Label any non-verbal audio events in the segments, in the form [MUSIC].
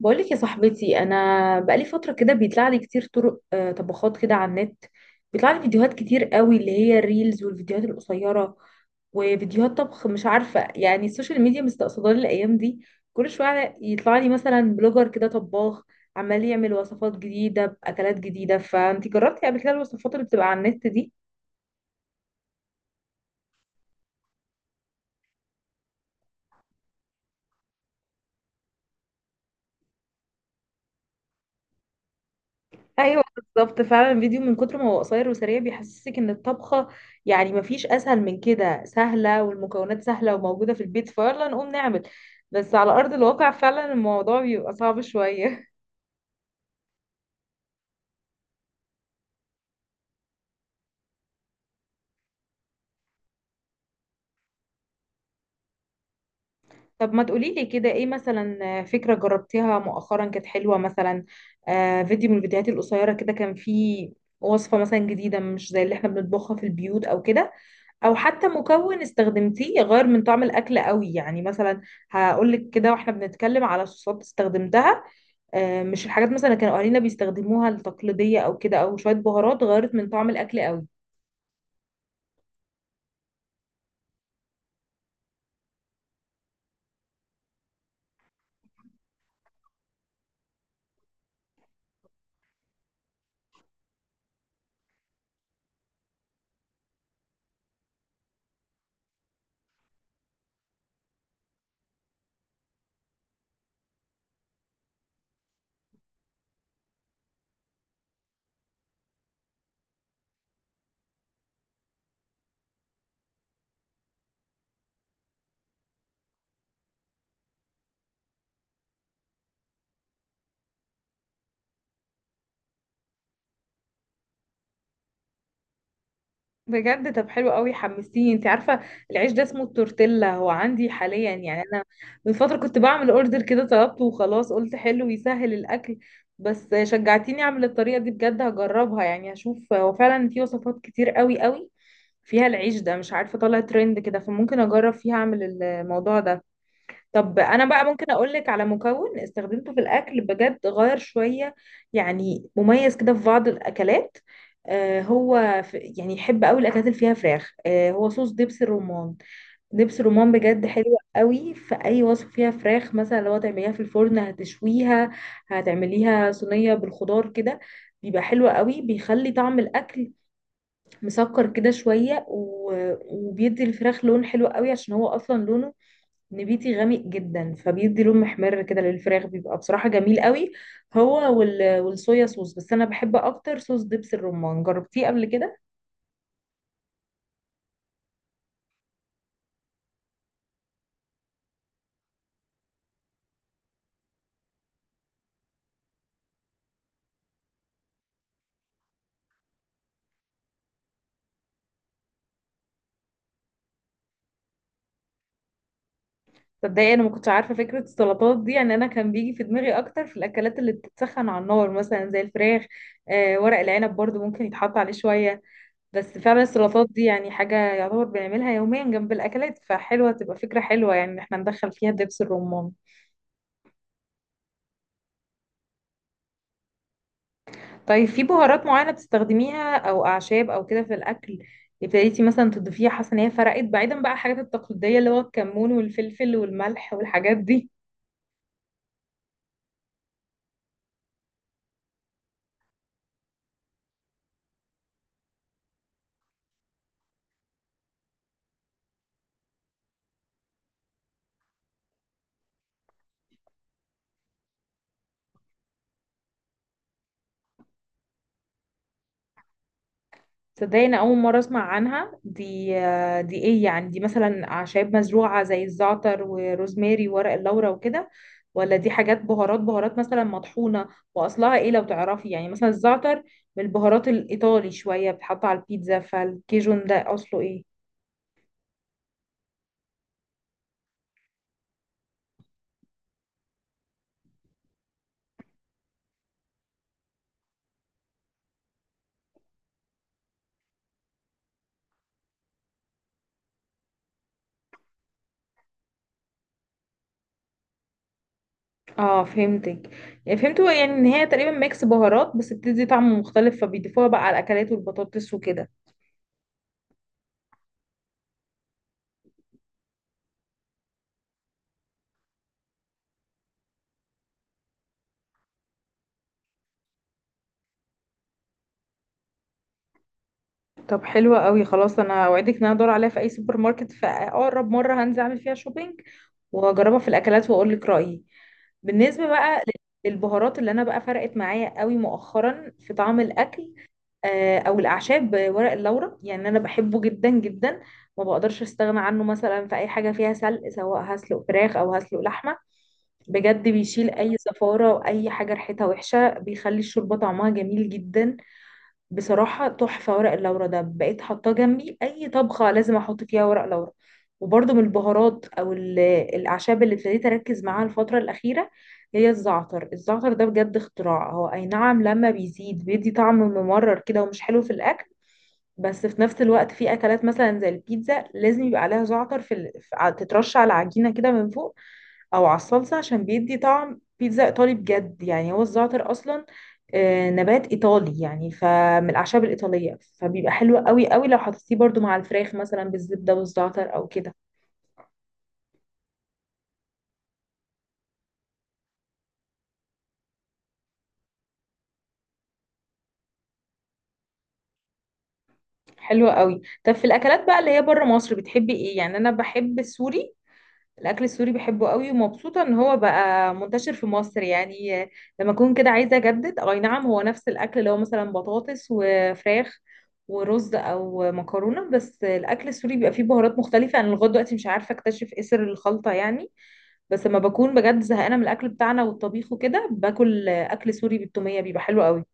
بقولك يا صاحبتي، انا بقالي فتره كده بيطلع لي كتير طرق، طبخات كده على النت. بيطلع لي فيديوهات كتير قوي اللي هي الريلز والفيديوهات القصيره وفيديوهات طبخ. مش عارفه يعني السوشيال ميديا مستقصداني الايام دي. كل شويه يطلع لي مثلا بلوجر كده طباخ عمال يعمل وصفات جديده باكلات جديده. فانت جربتي قبل كده الوصفات اللي بتبقى على النت دي؟ ايوه بالظبط، فعلا الفيديو من كتر ما هو قصير وسريع بيحسسك ان الطبخه يعني مفيش اسهل من كده، سهله والمكونات سهله وموجوده في البيت، فيلا نقوم نعمل. بس على ارض الواقع فعلا الموضوع بيبقى صعب شويه. [LAUGHS] طب ما تقولي لي كده ايه مثلا فكره جربتيها مؤخرا كانت حلوه مثلا؟ فيديو من الفيديوهات القصيره كده، كان فيه وصفه مثلا جديده مش زي اللي احنا بنطبخها في البيوت او كده، او حتى مكون استخدمتيه يغير من طعم الاكل قوي. يعني مثلا هقول لك كده واحنا بنتكلم على صوصات استخدمتها. مش الحاجات مثلا اللي كانوا اهالينا بيستخدموها التقليديه او كده، او شويه بهارات غيرت من طعم الاكل قوي. بجد؟ طب حلو قوي، حمستيني. انت عارفه العيش ده اسمه التورتيلا، هو عندي حاليا يعني انا من فتره كنت بعمل اوردر كده طلبته، وخلاص قلت حلو يسهل الاكل. بس شجعتيني اعمل الطريقه دي، بجد هجربها. يعني هشوف هو فعلا في وصفات كتير قوي قوي فيها العيش ده، مش عارفه طالع ترند كده فممكن اجرب فيها اعمل الموضوع ده. طب انا بقى ممكن اقول لك على مكون استخدمته في الاكل بجد غير شويه، يعني مميز كده في بعض الاكلات. هو في يعني يحب قوي الاكلات اللي فيها فراخ، هو صوص دبس الرمان. دبس الرمان بجد حلو قوي في اي وصفه فيها فراخ، مثلا لو تعمليها في الفرن هتشويها، هتعمليها صينيه بالخضار كده. بيبقى حلو قوي، بيخلي طعم الاكل مسكر كده شويه، وبيدي الفراخ لون حلو قوي عشان هو اصلا لونه نبيتي غامق جدا، فبيدي لون محمر كده للفراخ، بيبقى بصراحة جميل قوي. هو والصويا صوص، بس انا بحب اكتر صوص دبس الرمان. جربتيه قبل كده؟ تصدقي انا ما كنتش عارفة فكرة السلطات دي. يعني انا كان بيجي في دماغي اكتر في الاكلات اللي بتتسخن على النار مثلا زي الفراخ. ورق العنب برضو ممكن يتحط عليه شوية. بس فعلا السلطات دي يعني حاجة يعتبر بنعملها يوميا جنب الاكلات، فحلوة تبقى فكرة حلوة يعني ان احنا ندخل فيها دبس الرمان. طيب، في بهارات معينة بتستخدميها او اعشاب او كده في الاكل ابتديتي مثلا تضيفيها حاسة ان هي فرقت بعيدا بقى الحاجات التقليدية اللي هو الكمون والفلفل والملح والحاجات دي؟ تصدقي انا اول مرة اسمع عنها دي. دي ايه يعني؟ دي مثلا اعشاب مزروعة زي الزعتر وروزماري وورق اللورا وكده، ولا دي حاجات بهارات مثلا مطحونة؟ واصلها ايه لو تعرفي؟ يعني مثلا الزعتر من البهارات الايطالي شوية، بتحط على البيتزا. فالكيجون ده اصله ايه؟ اه فهمتك، يعني فهمت هو يعني ان هي تقريبا ميكس بهارات بس بتدي طعم مختلف، فبيضيفوها بقى على الاكلات والبطاطس وكده. طب حلوة قوي، خلاص انا اوعدك ان انا ادور عليها في اي سوبر ماركت، في اقرب مرة هنزل اعمل فيها شوبينج واجربها في الاكلات واقول لك رايي. بالنسبة بقى للبهارات اللي انا بقى فرقت معايا قوي مؤخرا في طعم الاكل، او الاعشاب، ورق اللورا يعني انا بحبه جدا جدا. ما بقدرش استغنى عنه مثلا في اي حاجة فيها سلق، سواء هسلق فراخ او هسلق لحمة، بجد بيشيل اي زفارة واي حاجة ريحتها وحشة، بيخلي الشوربة طعمها جميل جدا. بصراحة تحفة ورق اللورا ده، بقيت حاطاه جنبي، اي طبخة لازم احط فيها ورق لورا. وبرضه من البهارات او الاعشاب اللي ابتديت اركز معاها الفترة الاخيرة هي الزعتر. الزعتر ده بجد اختراع، هو اي نعم لما بيزيد بيدي طعم ممرر كده ومش حلو في الاكل، بس في نفس الوقت في اكلات مثلا زي البيتزا لازم يبقى عليها زعتر في ال... في- ع- تترش على العجينه كده من فوق، او على الصلصه، عشان بيدي طعم بيتزا ايطالي بجد. يعني هو الزعتر اصلا نبات ايطالي يعني، فمن الاعشاب الايطاليه، فبيبقى حلو قوي قوي لو حطيتيه برضو مع الفراخ مثلا بالزبده والزعتر او كده. حلو قوي. طب في الاكلات بقى اللي هي بره مصر بتحبي ايه؟ يعني انا بحب السوري، الاكل السوري بحبه قوي ومبسوطه ان هو بقى منتشر في مصر يعني. لما اكون كده عايزه اجدد، اي نعم هو نفس الاكل اللي هو مثلا بطاطس وفراخ ورز او مكرونه، بس الاكل السوري بيبقى فيه بهارات مختلفه، انا لغايه دلوقتي مش عارفه اكتشف ايه سر الخلطه يعني. بس لما بكون بجد زهقانه من الاكل بتاعنا والطبيخ وكده باكل اكل سوري بالتوميه بيبقى حلو قوي.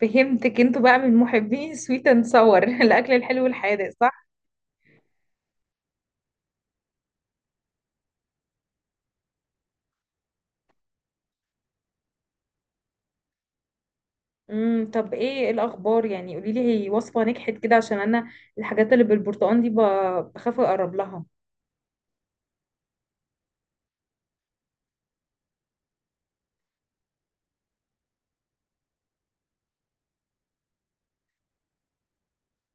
فهمتك، انتوا بقى من محبين سويت اند صور، [LAUGHS] الاكل الحلو والحادق صح؟ طب ايه الاخبار يعني؟ قولي لي هي وصفة نجحت كده؟ عشان انا الحاجات اللي بالبرتقال دي بخاف اقرب لها.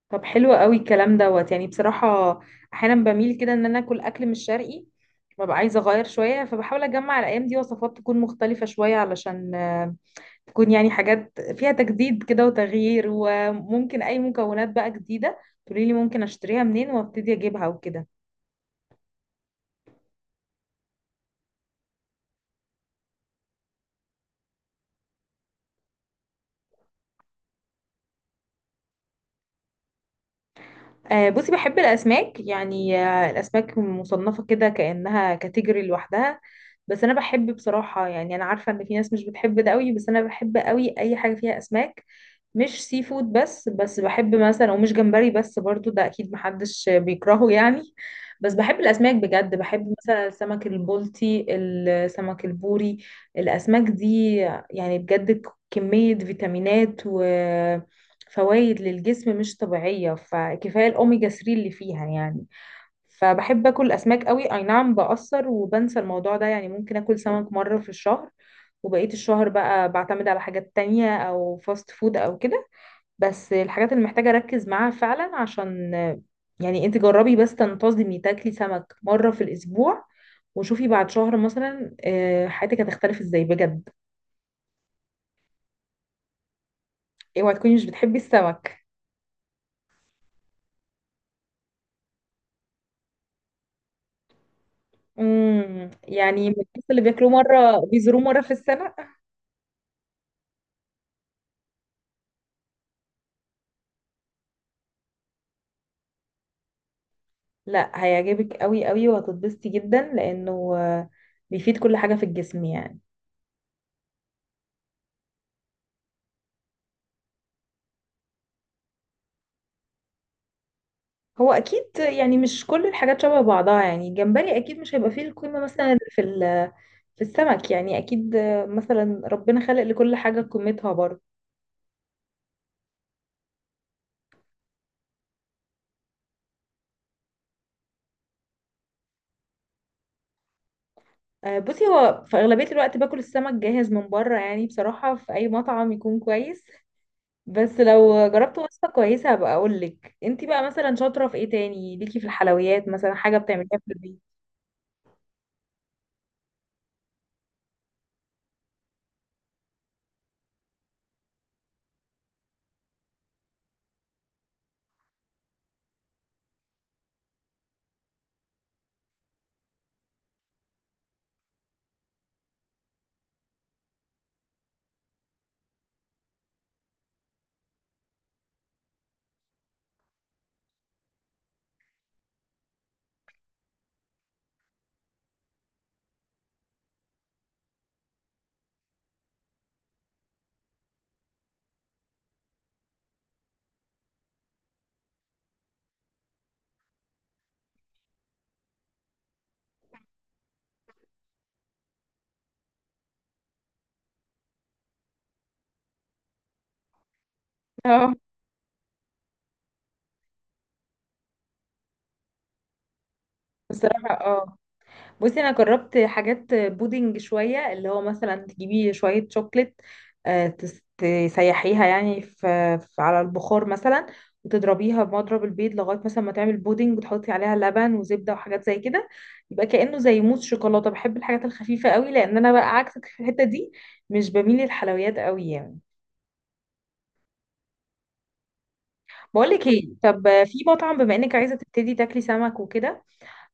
طب حلو قوي الكلام دوت، يعني بصراحة احيانا بميل كده ان انا اكل اكل مش شرقي، ببقى عايزة اغير شوية. فبحاول اجمع الايام دي وصفات تكون مختلفة شوية علشان تكون يعني حاجات فيها تجديد كده وتغيير، وممكن اي مكونات بقى جديدة تقولي لي ممكن اشتريها منين وابتدي اجيبها وكده. بصي بحب الأسماك يعني. الأسماك مصنفة كده كأنها كاتيجوري لوحدها، بس أنا بحب بصراحة. يعني أنا عارفة إن في ناس مش بتحب ده قوي، بس أنا بحب قوي أي حاجة فيها أسماك. مش سي فود بس بحب مثلا، ومش جمبري بس برضو ده أكيد محدش بيكرهه يعني، بس بحب الأسماك بجد. بحب مثلا السمك البلطي السمك البوري، الأسماك دي يعني بجد كمية فيتامينات و فوائد للجسم مش طبيعية، فكفاية الأوميجا 3 اللي فيها يعني. فبحب أكل أسماك قوي. أي نعم بأثر وبنسى الموضوع ده، يعني ممكن أكل سمك مرة في الشهر وبقية الشهر بقى بعتمد على حاجات تانية أو فاست فود أو كده، بس الحاجات اللي محتاجة أركز معاها فعلا عشان يعني. أنت جربي بس تنتظمي تاكلي سمك مرة في الأسبوع، وشوفي بعد شهر مثلا حياتك هتختلف ازاي بجد. اوعي تكوني مش بتحبي السمك. يعني من الناس اللي بياكلوه مرة، بيزوروه مرة في السنة. لا هيعجبك قوي قوي وهتتبسطي جدا، لأنه بيفيد كل حاجة في الجسم يعني. هو أكيد يعني مش كل الحاجات شبه بعضها، يعني الجمبري أكيد مش هيبقى فيه القيمة مثلا اللي في في السمك يعني، أكيد مثلا ربنا خلق لكل حاجة قيمتها برضه. بصي هو في أغلبية الوقت باكل السمك جاهز من بره، يعني بصراحة في أي مطعم يكون كويس. بس لو جربت وصفة كويسة هبقى اقول لك. انتي بقى مثلا شاطرة في ايه تاني ليكي؟ في الحلويات مثلا حاجة بتعمليها في البيت؟ اه بصراحة اه، بصي انا جربت حاجات بودنج شوية، اللي هو مثلا تجيبي شوية شوكليت، تسيحيها يعني على البخار مثلا، وتضربيها بمضرب البيض لغاية مثلا ما تعمل بودنج، وتحطي عليها لبن وزبدة وحاجات زي كده يبقى كأنه زي موس شوكولاتة. بحب الحاجات الخفيفة قوي، لأن أنا بقى عكسك في الحتة دي، مش بميل للحلويات قوي يعني. بقولك ايه، طب في مطعم بما انك عايزه تبتدي تاكلي سمك وكده.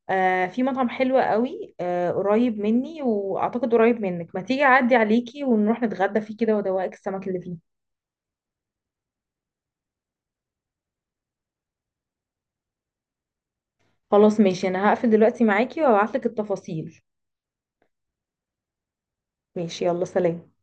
في مطعم حلو قوي قريب مني واعتقد قريب منك، ما تيجي اعدي عليكي ونروح نتغدى فيه كده وادوقك السمك اللي فيه. خلاص ماشي، انا هقفل دلوقتي معاكي وابعتلك التفاصيل. ماشي يلا سلام.